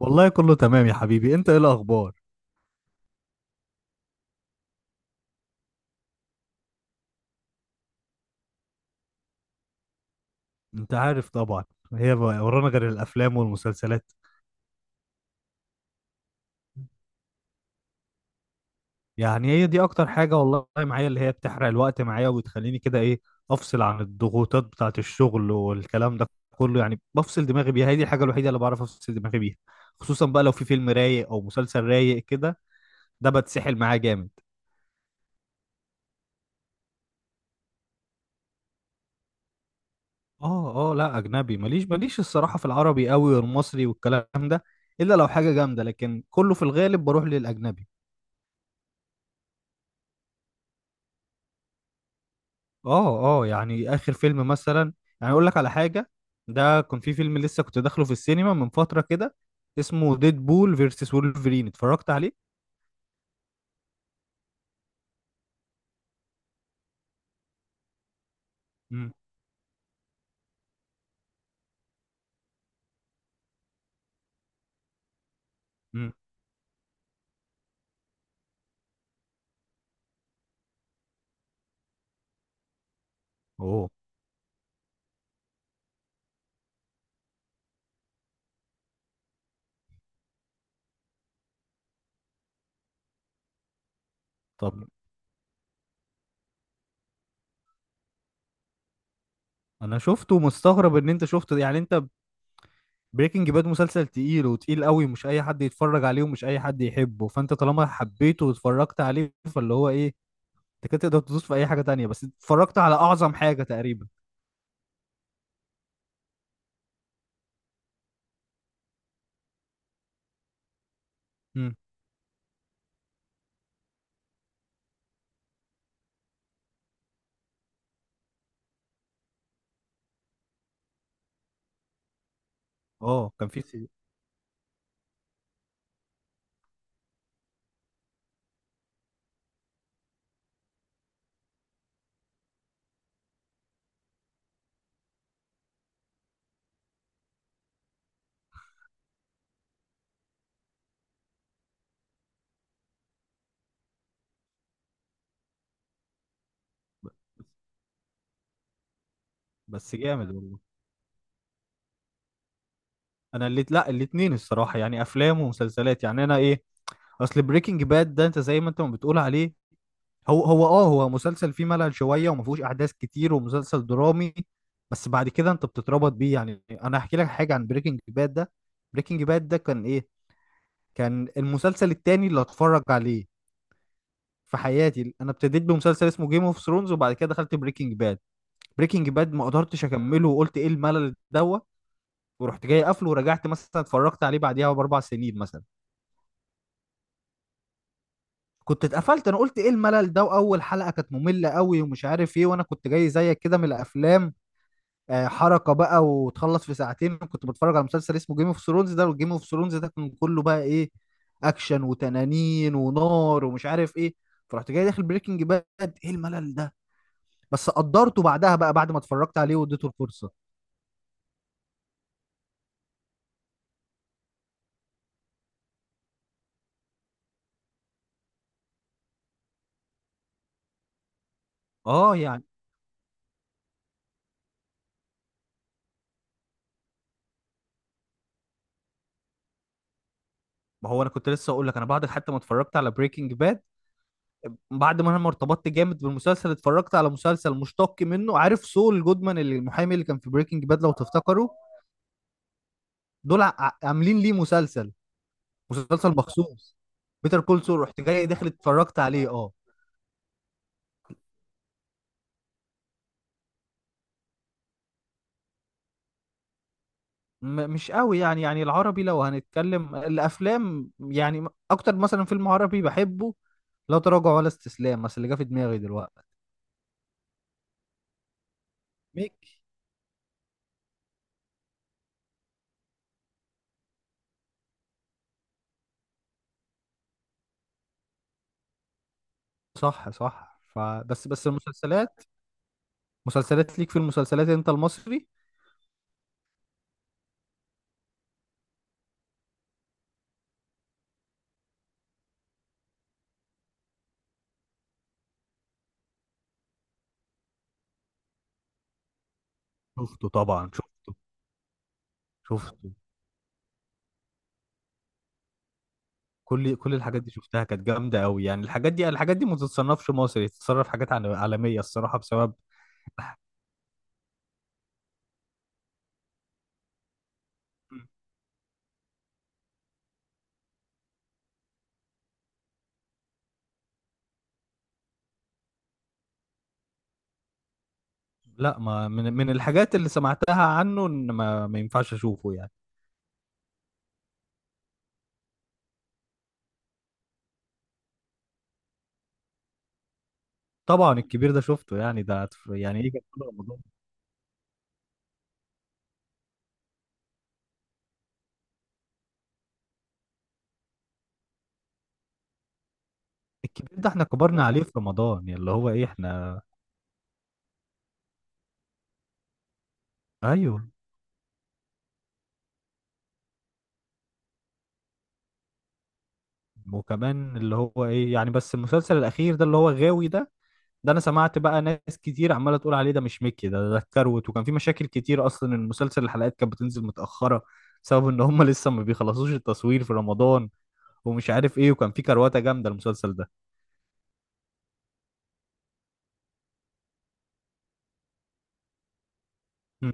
والله كله تمام يا حبيبي. انت ايه الاخبار؟ انت عارف طبعا. هي بقى ورانا غير الافلام والمسلسلات. يعني هي دي اكتر حاجة والله معايا، اللي هي بتحرق الوقت معايا وبتخليني كده ايه، افصل عن الضغوطات بتاعة الشغل والكلام ده كله. يعني بفصل دماغي بيها، هي دي الحاجة الوحيدة اللي بعرف افصل دماغي بيها. خصوصا بقى لو في فيلم رايق او مسلسل رايق كده، ده بتسحل معاه جامد. اه اه، لا اجنبي، ماليش ماليش الصراحة في العربي قوي والمصري والكلام ده، الا لو حاجة جامدة، لكن كله في الغالب بروح للاجنبي. اه اه، يعني اخر فيلم مثلا، يعني اقول لك على حاجه، ده كان في فيلم لسه كنت داخله في السينما من فتره كده، اسمه ديد بول فيرسس وولفرين، اتفرجت عليه. امم. امم. اوه. طب انا شفته، مستغرب ان انت شفته، يعني انت. بريكنج باد مسلسل تقيل وتقيل قوي، مش اي حد يتفرج عليه ومش اي حد يحبه، فانت طالما حبيته واتفرجت عليه فاللي هو ايه، انت كده تقدر تدوس في اي حاجه تانية، بس اتفرجت على اعظم حاجه تقريبا. امم. اه بس جامد والله. انا اللي لا، الاتنين الصراحه، يعني افلام ومسلسلات، يعني انا ايه، اصل بريكنج باد ده انت زي ما انت ما بتقول عليه، هو مسلسل فيه ملل شويه وما فيهوش احداث كتير ومسلسل درامي، بس بعد كده انت بتتربط بيه. يعني انا هحكي لك حاجه عن بريكنج باد ده. بريكنج باد ده كان المسلسل التاني اللي اتفرج عليه في حياتي. انا ابتديت بمسلسل اسمه جيم اوف ثرونز، وبعد كده دخلت بريكنج باد. بريكنج باد ما قدرتش اكمله وقلت ايه الملل دوت، ورحت جاي قافله، ورجعت مثلا اتفرجت عليه بعديها ب4 سنين مثلا. كنت اتقفلت، انا قلت ايه الملل ده، واول حلقه كانت ممله قوي ومش عارف ايه، وانا كنت جاي زيك كده من الافلام، آه، حركه بقى وتخلص في ساعتين. كنت بتفرج على مسلسل اسمه جيم اوف ثرونز ده، والجيم اوف ثرونز ده كان كله بقى ايه اكشن وتنانين ونار ومش عارف ايه. فرحت جاي داخل بريكنج باد، ايه الملل ده، بس قدرته بعدها بقى بعد ما اتفرجت عليه واديته الفرصه. اه يعني. ما هو انا كنت لسه اقول لك، انا بعد حتى ما اتفرجت على بريكنج باد، بعد ما انا ما ارتبطت جامد بالمسلسل، اتفرجت على مسلسل مشتق منه، عارف سول جودمان اللي المحامي اللي كان في بريكنج باد لو تفتكروا، عاملين ليه مسلسل. مسلسل مخصوص. بيتر كول سول رحت جاي داخل اتفرجت عليه. اه مش قوي يعني العربي لو هنتكلم الافلام يعني، اكتر مثلا فيلم عربي بحبه لا تراجع ولا استسلام، بس اللي جه في دماغي دلوقتي. ميك صح صح. فبس المسلسلات، مسلسلات ليك في المسلسلات انت المصري؟ شفته طبعا، شفته، شفته. كل الحاجات دي شفتها كانت جامده قوي. يعني الحاجات دي الحاجات دي ما تتصنفش مصري، تتصنف حاجات عالميه الصراحه بسبب. لا، ما من الحاجات اللي سمعتها عنه ان ما ينفعش اشوفه يعني. طبعا الكبير ده شفته يعني، ده يعني ايه، كان كله رمضان. الكبير ده احنا كبرنا عليه في رمضان، يعني اللي هو ايه احنا. ايوه. وكمان اللي هو ايه، يعني بس المسلسل الاخير ده اللي هو غاوي ده، ده انا سمعت بقى ناس كتير عماله تقول عليه ده مش ميكي، ده اتكروت، وكان في مشاكل كتير اصلا المسلسل، الحلقات كانت بتنزل متاخره بسبب ان هم لسه ما بيخلصوش التصوير في رمضان ومش عارف ايه، وكان في كرواته جامده المسلسل ده. مم.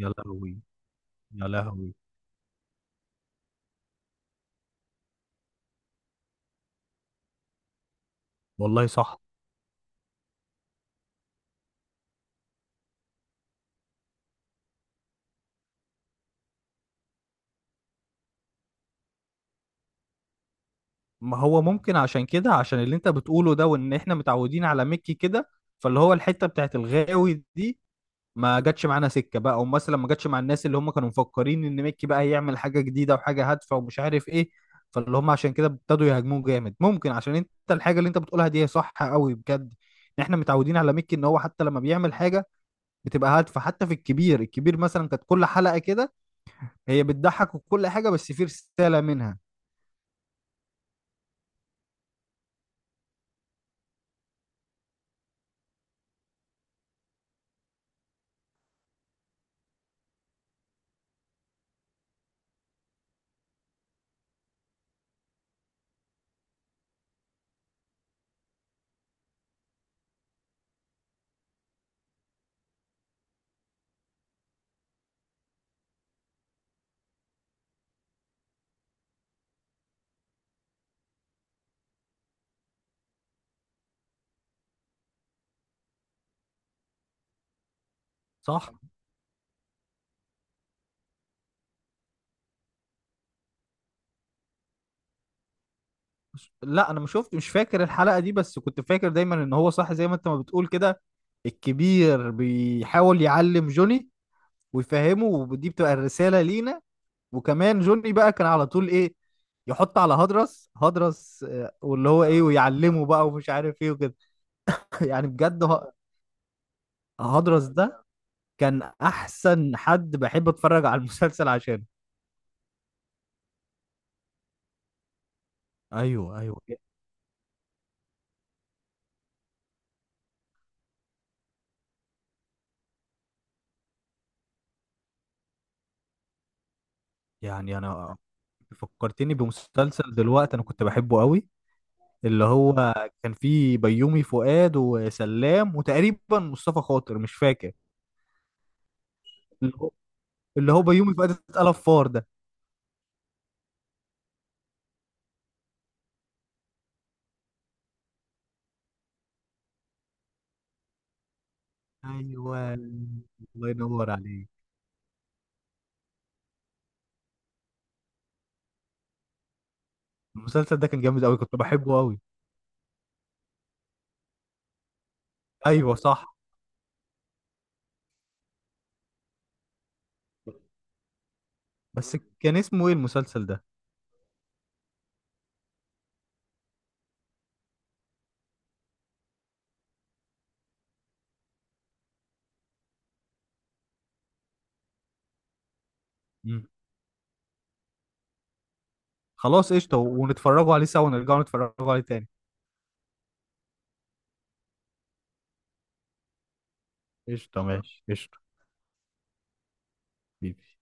يا لهوي. يا لهوي. والله صح. ما هو ممكن عشان كده، عشان اللي انت بتقوله ده، وان احنا متعودين على ميكي كده، فاللي هو الحته بتاعت الغاوي دي ما جاتش معانا سكه بقى، او مثلا ما جاتش مع الناس اللي هم كانوا مفكرين ان ميكي بقى هيعمل حاجه جديده وحاجه هادفه ومش عارف ايه، فاللي هم عشان كده ابتدوا يهاجموه جامد. ممكن عشان انت الحاجه اللي انت بتقولها دي هي صح قوي بجد، ان احنا متعودين على ميكي ان هو حتى لما بيعمل حاجه بتبقى هادفه، حتى في الكبير. الكبير مثلا كانت كل حلقه كده هي بتضحك وكل حاجه، بس في رساله منها. صح. لا انا ما شفت، مش فاكر الحلقه دي، بس كنت فاكر دايما ان هو صح زي ما انت ما بتقول كده، الكبير بيحاول يعلم جوني ويفهمه، ودي بتبقى الرسالة لينا. وكمان جوني بقى كان على طول ايه يحط على هدرس هدرس، آه، واللي هو ايه ويعلمه بقى ومش عارف ايه وكده. يعني بجد هدرس ده كان احسن حد بحب اتفرج على المسلسل عشانه. ايوه ايوه. يعني انا فكرتني بمسلسل دلوقتي انا كنت بحبه قوي، اللي هو كان فيه بيومي فؤاد وسلام وتقريبا مصطفى خاطر مش فاكر، اللي هو اللي هو بيومي فؤاد اتقلب فار ده. ايوه، الله ينور عليك. المسلسل ده كان جامد قوي كنت بحبه قوي. ايوه صح. بس كان اسمه ايه المسلسل ده؟ مم. خلاص قشطه، ونتفرجوا عليه سوا، ونرجعوا نتفرجوا عليه تاني. قشطه ماشي قشطه. حبيبي.